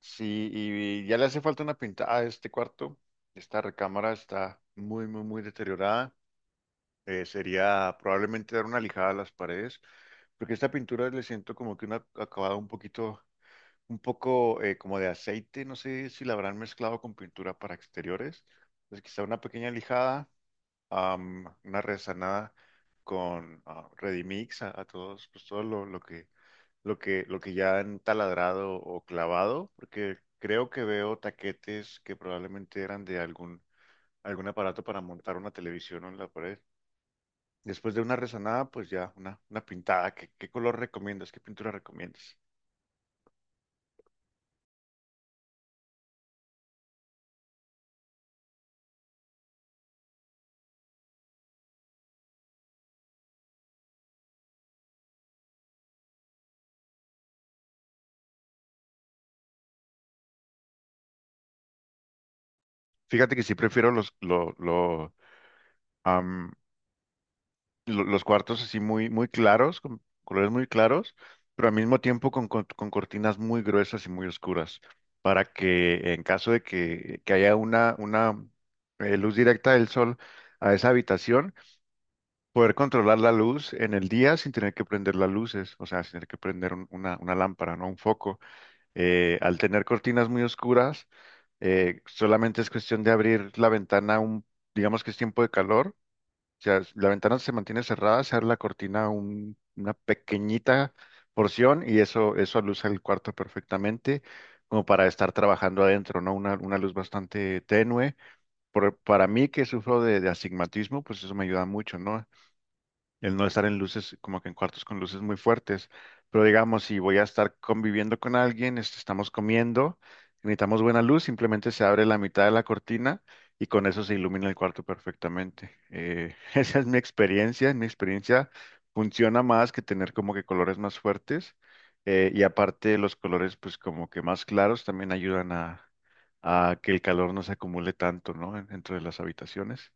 Sí, y ya le hace falta una pintada a este cuarto. Esta recámara está muy, muy, muy deteriorada. Sería probablemente dar una lijada a las paredes, porque esta pintura le siento como que un acabado un poquito, un poco como de aceite. No sé si la habrán mezclado con pintura para exteriores. Entonces quizá una pequeña lijada, una resanada con Redimix a todos, pues todo lo que lo que ya han taladrado o clavado, porque creo que veo taquetes que probablemente eran de algún, algún aparato para montar una televisión en la pared. Después de una rezanada, pues ya una pintada. ¿Qué, qué color recomiendas? ¿Qué pintura recomiendas? Fíjate que sí prefiero los, lo- los cuartos así muy, muy claros, con colores muy claros, pero al mismo tiempo con cortinas muy gruesas y muy oscuras, para que en caso de que haya una luz directa del sol a esa habitación, poder controlar la luz en el día sin tener que prender las luces, o sea, sin tener que prender una lámpara, no un foco. Al tener cortinas muy oscuras, solamente es cuestión de abrir la ventana un, digamos que es tiempo de calor, o sea, la ventana se mantiene cerrada, se abre la cortina una pequeñita porción y eso aluza el cuarto perfectamente, como para estar trabajando adentro, ¿no? Una luz bastante tenue. Para mí que sufro de astigmatismo, pues eso me ayuda mucho, ¿no? El no estar en luces, como que en cuartos con luces muy fuertes. Pero digamos, si voy a estar conviviendo con alguien, este, estamos comiendo, necesitamos buena luz, simplemente se abre la mitad de la cortina y con eso se ilumina el cuarto perfectamente. Esa es mi experiencia. En mi experiencia funciona más que tener como que colores más fuertes. Y aparte los colores pues como que más claros también ayudan a que el calor no se acumule tanto, ¿no? Dentro de las habitaciones.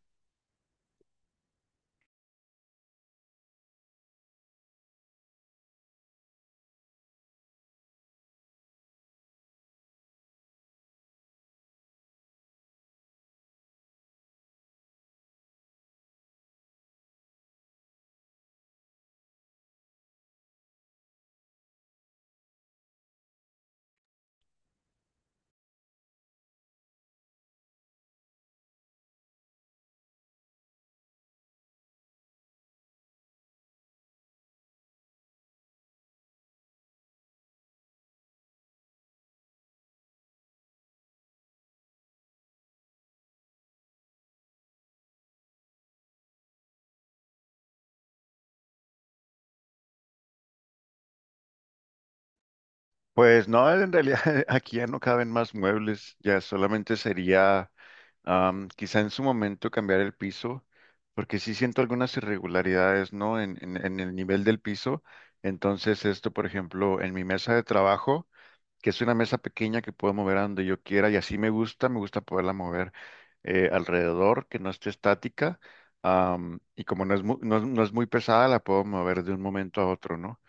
Pues no, en realidad aquí ya no caben más muebles, ya solamente sería quizá en su momento cambiar el piso, porque sí siento algunas irregularidades, ¿no? En el nivel del piso. Entonces esto, por ejemplo, en mi mesa de trabajo que es una mesa pequeña que puedo mover a donde yo quiera y así me gusta poderla mover alrededor, que no esté estática. Y como no es, es no es muy pesada, la puedo mover de un momento a otro, ¿no?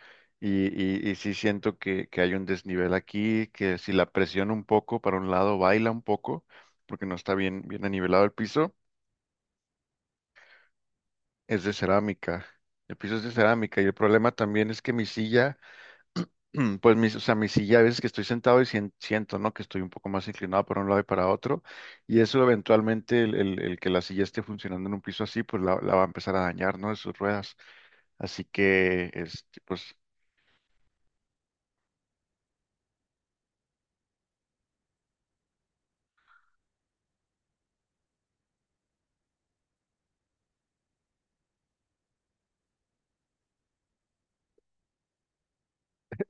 Y, y sí siento que hay un desnivel aquí, que si la presiono un poco para un lado, baila un poco, porque no está bien, bien anivelado el piso, es de cerámica. El piso es de cerámica y el problema también es que mi silla Pues mis, o sea, mi silla a veces que estoy sentado y siento, ¿no? Que estoy un poco más inclinado para un lado y para otro. Y eso eventualmente el que la silla esté funcionando en un piso así, pues la va a empezar a dañar, ¿no? De sus ruedas. Así que, este, pues,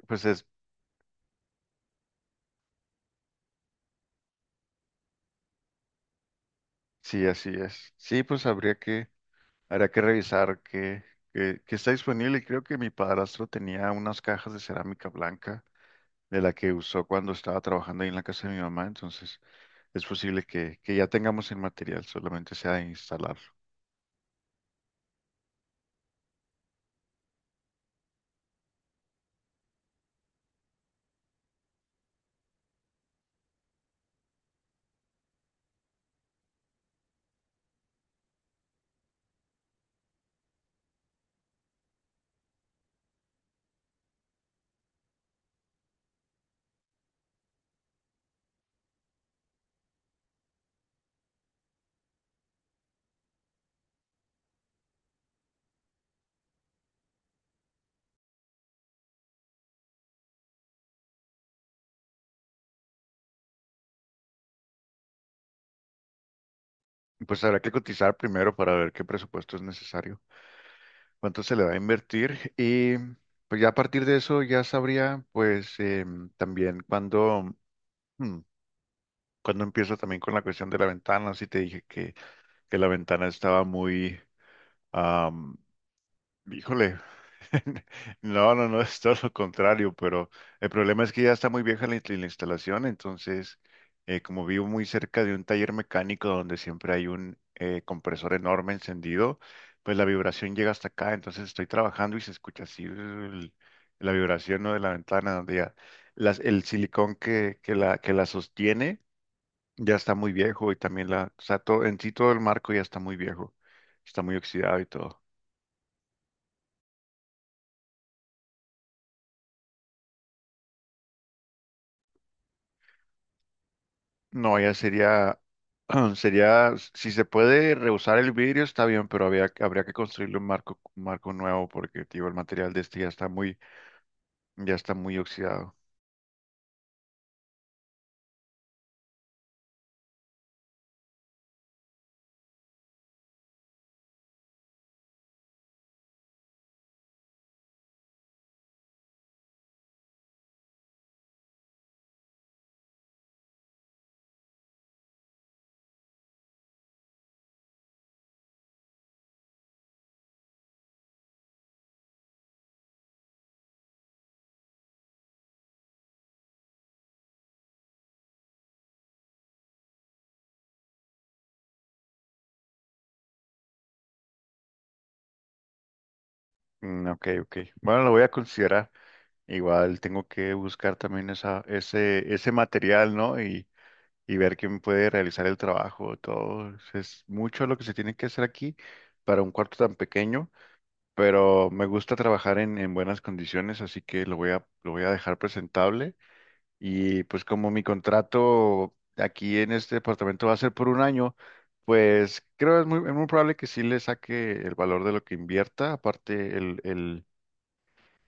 pues es, sí, así es. Sí, pues habría que revisar que está disponible. Creo que mi padrastro tenía unas cajas de cerámica blanca de la que usó cuando estaba trabajando ahí en la casa de mi mamá, entonces es posible que ya tengamos el material, solamente sea de instalarlo. Y pues habrá que cotizar primero para ver qué presupuesto es necesario, cuánto se le va a invertir y pues ya a partir de eso ya sabría pues también cuando, hmm, cuando empiezo también con la cuestión de la ventana, si te dije que la ventana estaba muy, am, híjole, no, no, no, es todo lo contrario, pero el problema es que ya está muy vieja la, la instalación, entonces, como vivo muy cerca de un taller mecánico donde siempre hay un compresor enorme encendido, pues la vibración llega hasta acá, entonces estoy trabajando y se escucha así la vibración, ¿no? De la ventana, donde ya el silicón que la sostiene ya está muy viejo y también la, o sea, todo, en sí todo el marco ya está muy viejo, está muy oxidado y todo. No, ya sería, sería, si se puede reusar el vidrio está bien, pero había, habría que construirle un marco nuevo porque, tío, el material de este ya está muy oxidado. Ok, ok. Bueno, lo voy a considerar. Igual tengo que buscar también esa, ese material, ¿no? Y ver quién puede realizar el trabajo. Todo es mucho lo que se tiene que hacer aquí para un cuarto tan pequeño, pero me gusta trabajar en buenas condiciones, así que lo voy a dejar presentable. Y pues como mi contrato aquí en este departamento va a ser por un año, pues creo es muy probable que sí le saque el valor de lo que invierta. Aparte,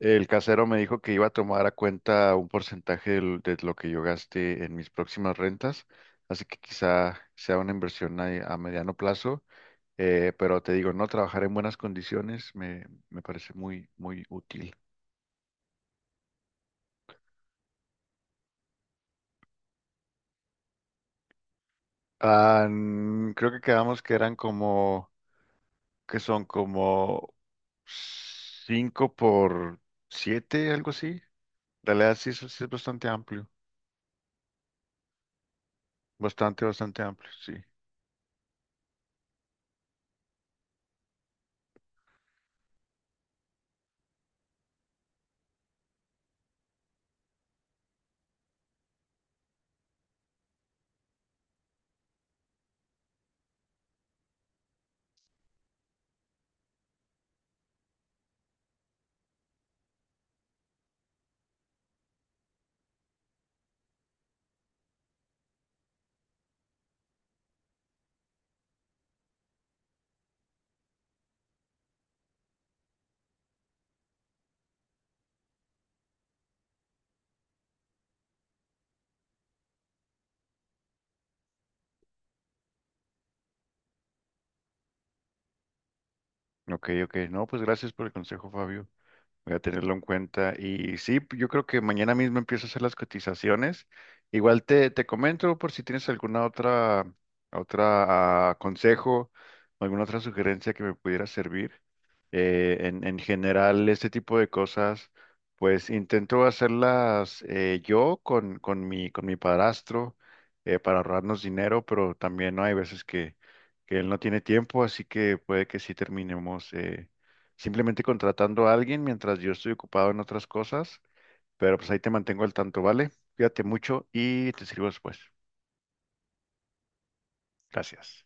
el casero me dijo que iba a tomar a cuenta un porcentaje de lo que yo gaste en mis próximas rentas. Así que quizá sea una inversión a mediano plazo. Pero te digo, no trabajar en buenas condiciones me, me parece muy, muy útil. Creo que quedamos que eran como, que son como 5 por 7 algo así. La realidad sí es bastante amplio, bastante, bastante amplio, sí. Ok, ok. No, pues gracias por el consejo, Fabio. Voy a tenerlo en cuenta. Y sí, yo creo que mañana mismo empiezo a hacer las cotizaciones. Igual te, te comento por si tienes alguna otra, otra consejo, alguna otra sugerencia que me pudiera servir. En general, este tipo de cosas, pues intento hacerlas yo con mi padrastro para ahorrarnos dinero, pero también ¿no? hay veces que él no tiene tiempo, así que puede que sí terminemos simplemente contratando a alguien mientras yo estoy ocupado en otras cosas, pero pues ahí te mantengo al tanto, ¿vale? Cuídate mucho y te sirvo después. Gracias.